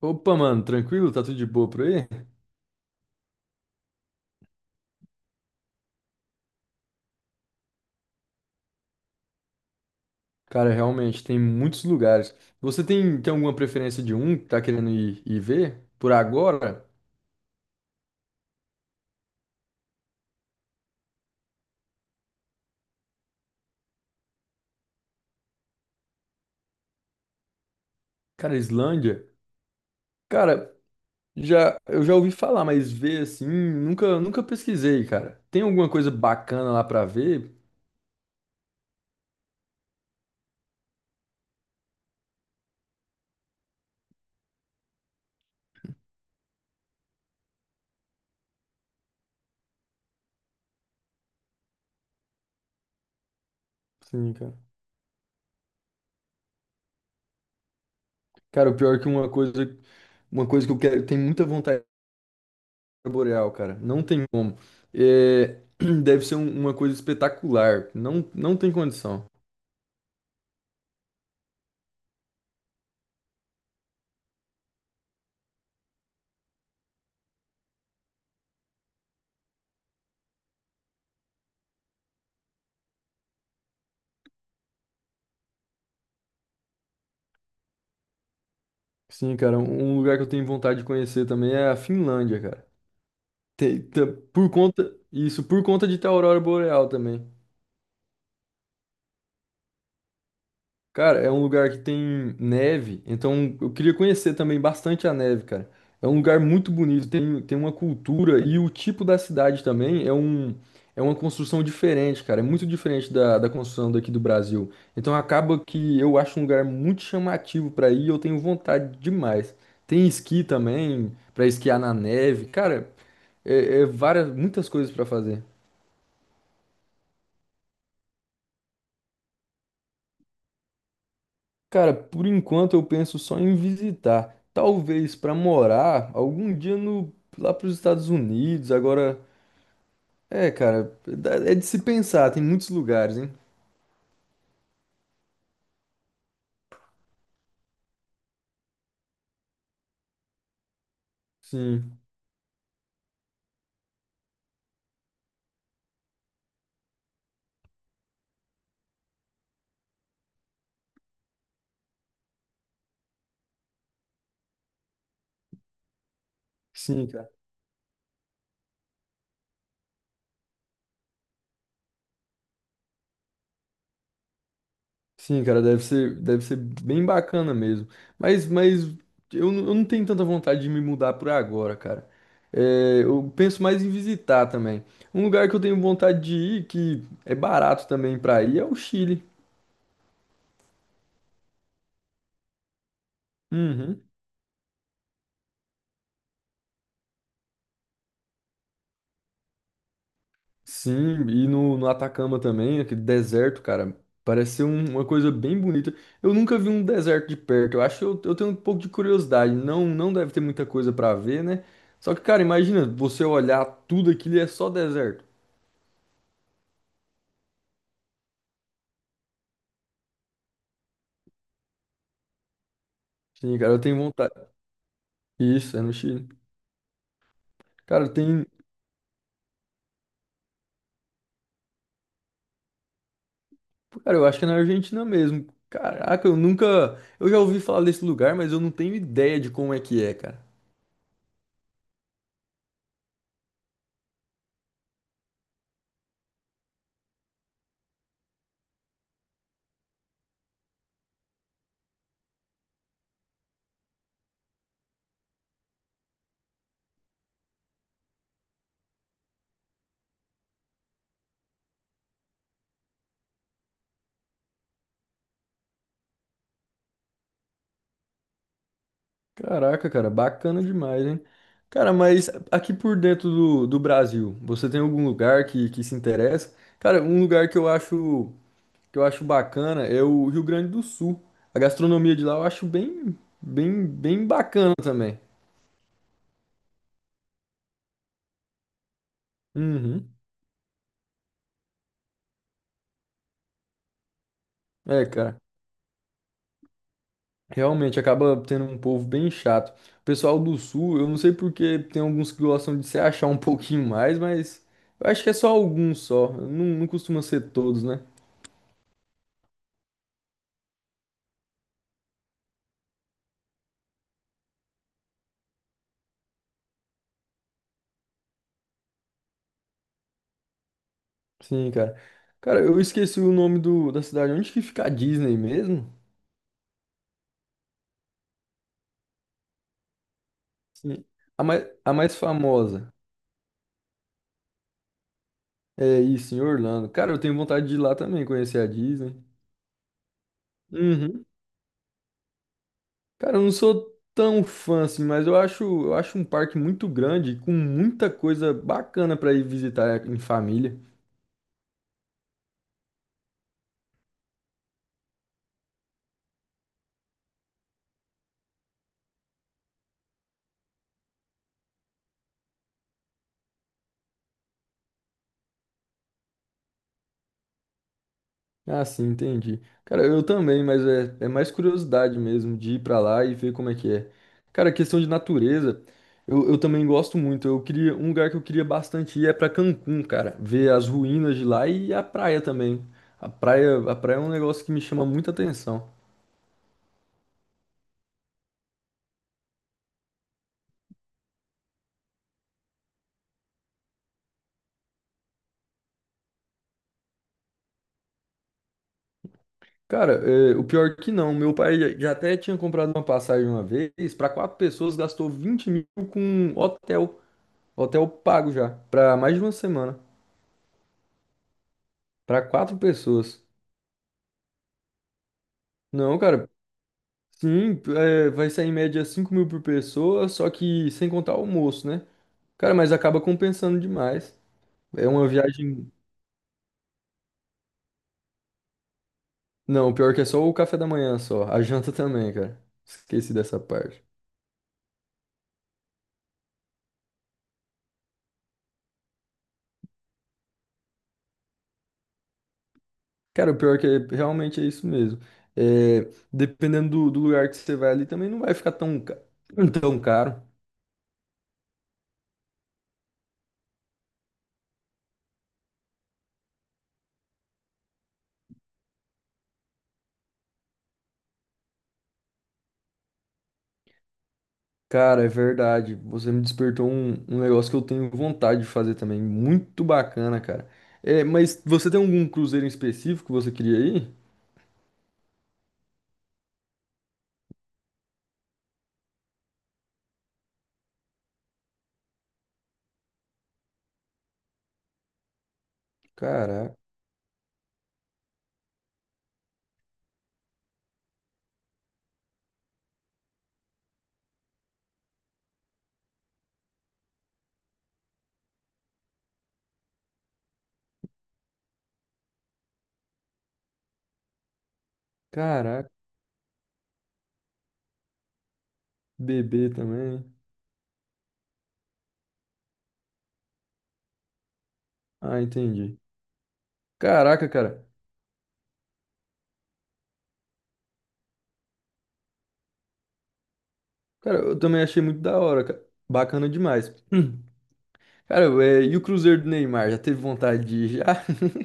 Opa, mano, tranquilo? Tá tudo de boa por aí? Cara, realmente, tem muitos lugares. Você tem alguma preferência de um que tá querendo ir ver? Por agora? Cara, Islândia? Cara, já, eu já ouvi falar, mas ver assim, nunca, nunca pesquisei, cara. Tem alguma coisa bacana lá pra ver? Sim, cara. Cara, o pior é que uma coisa que eu quero, tenho muita vontade de ver boreal, cara. Não tem como. É, deve ser uma coisa espetacular. Não, não tem condição. Sim, cara, um lugar que eu tenho vontade de conhecer também é a Finlândia, cara. Tem- tá- por conta, isso, por conta de ter a aurora boreal também. Cara, é um lugar que tem neve, então eu queria conhecer também bastante a neve, cara. É um lugar muito bonito, tem uma cultura e o tipo da cidade também é uma construção diferente, cara. É muito diferente da construção daqui do Brasil. Então acaba que eu acho um lugar muito chamativo pra ir, e eu tenho vontade demais. Tem esqui também, pra esquiar na neve. Cara, é, é várias, muitas coisas para fazer. Cara, por enquanto eu penso só em visitar. Talvez para morar algum dia no, lá para os Estados Unidos. Agora, é, cara, é de se pensar. Tem muitos lugares, hein? Sim, sim, cara. Sim, cara, deve ser bem bacana mesmo. Mas eu não tenho tanta vontade de me mudar por agora, cara. É, eu penso mais em visitar também. Um lugar que eu tenho vontade de ir, que é barato também para ir, é o Chile. Uhum. Sim, e no Atacama também, aquele deserto, cara, parece ser uma coisa bem bonita. Eu nunca vi um deserto de perto, eu acho que eu tenho um pouco de curiosidade, não, não deve ter muita coisa pra ver, né? Só que, cara, imagina, você olhar tudo aquilo e é só deserto. Sim, cara, eu tenho vontade. Isso, é no Chile. Cara, tem. Cara, eu acho que é na Argentina mesmo. Caraca, eu nunca. Eu já ouvi falar desse lugar, mas eu não tenho ideia de como é que é, cara. Caraca, cara, bacana demais, hein? Cara, mas aqui por dentro do Brasil, você tem algum lugar que se interessa? Cara, um lugar que eu acho bacana é o Rio Grande do Sul. A gastronomia de lá eu acho bem bacana também. Uhum. É, cara, realmente acaba tendo um povo bem chato. O pessoal do Sul, eu não sei porque tem alguns que gostam de se achar um pouquinho mais, mas eu acho que é só alguns só. Não, não costuma ser todos, né? Sim, cara. Cara, eu esqueci o nome da cidade. Onde que fica a Disney mesmo? Sim. A mais famosa. É isso, em Orlando. Cara, eu tenho vontade de ir lá também, conhecer a Disney. Uhum. Cara, eu não sou tão fã assim, mas eu acho um parque muito grande, com muita coisa bacana pra ir visitar em família. Ah, sim, entendi. Cara, eu também, mas é, é mais curiosidade mesmo de ir pra lá e ver como é que é. Cara, questão de natureza, eu também gosto muito. Eu queria, um lugar que eu queria bastante ir é pra Cancún, cara. Ver as ruínas de lá e a praia também. A praia é um negócio que me chama muita atenção. Cara, é, o pior que não, meu pai já até tinha comprado uma passagem uma vez, pra quatro pessoas, gastou 20.000 com um hotel, hotel pago já, pra mais de uma semana, pra quatro pessoas. Não, cara, sim, é, vai sair em média 5.000 por pessoa, só que sem contar o almoço, né? Cara, mas acaba compensando demais. É uma viagem. Não, o pior que é só o café da manhã só. A janta também, cara. Esqueci dessa parte. Cara, o pior que é, realmente é isso mesmo. É, dependendo do lugar que você vai ali, também não vai ficar tão, tão caro. Cara, é verdade. Você me despertou um negócio que eu tenho vontade de fazer também. Muito bacana, cara. É, mas você tem algum cruzeiro em específico que você queria ir? Caraca, caraca, bebê também. Ah, entendi. Caraca, cara. Cara, eu também achei muito da hora, cara. Bacana demais. Hum. Cara, é, e o Cruzeiro do Neymar? Já teve vontade de ir já?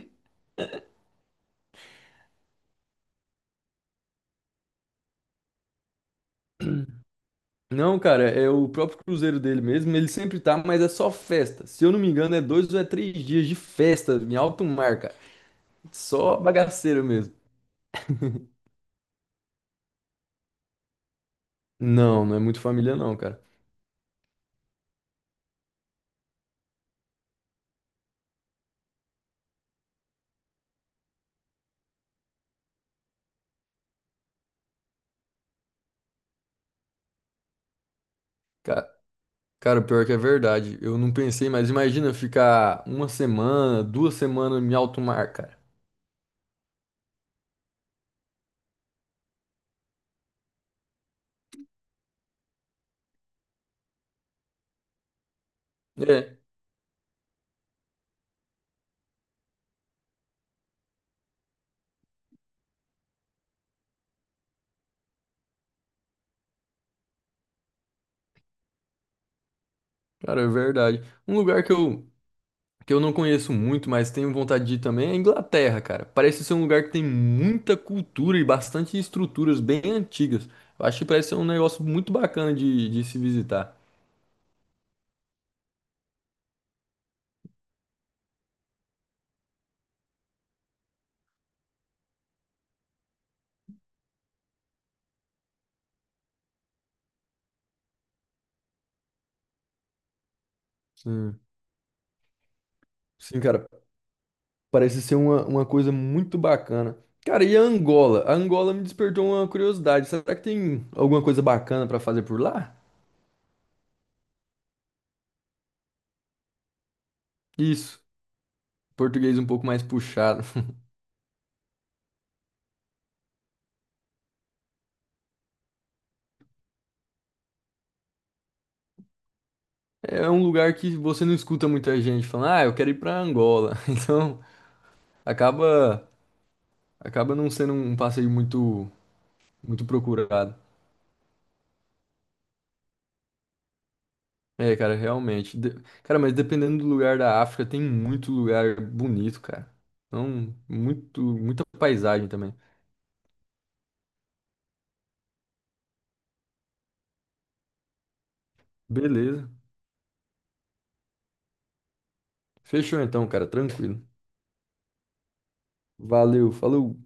Não, cara, é o próprio Cruzeiro dele mesmo. Ele sempre tá, mas é só festa. Se eu não me engano, é dois ou é três dias de festa em alto mar, cara. Só bagaceiro mesmo. Não, não é muito família, não, cara. Ca- Cara, pior que é verdade. Eu não pensei, mas imagina ficar uma semana, duas semanas em alto mar, cara. É, cara, é verdade. Um lugar que que eu não conheço muito, mas tenho vontade de ir também é a Inglaterra, cara. Parece ser um lugar que tem muita cultura e bastante estruturas bem antigas. Eu acho que parece ser um negócio muito bacana de se visitar. Sim, sim, cara, parece ser uma coisa muito bacana. Cara, e a Angola? A Angola me despertou uma curiosidade. Será que tem alguma coisa bacana pra fazer por lá? Isso, português um pouco mais puxado. É é um lugar que você não escuta muita gente falando, ah, eu quero ir pra Angola. Então, acaba não sendo um passeio muito procurado. É, cara, realmente. De- Cara, mas dependendo do lugar da África, tem muito lugar bonito, cara. Então, muito muita paisagem também. Beleza. Fechou então, cara, tranquilo. Valeu, falou.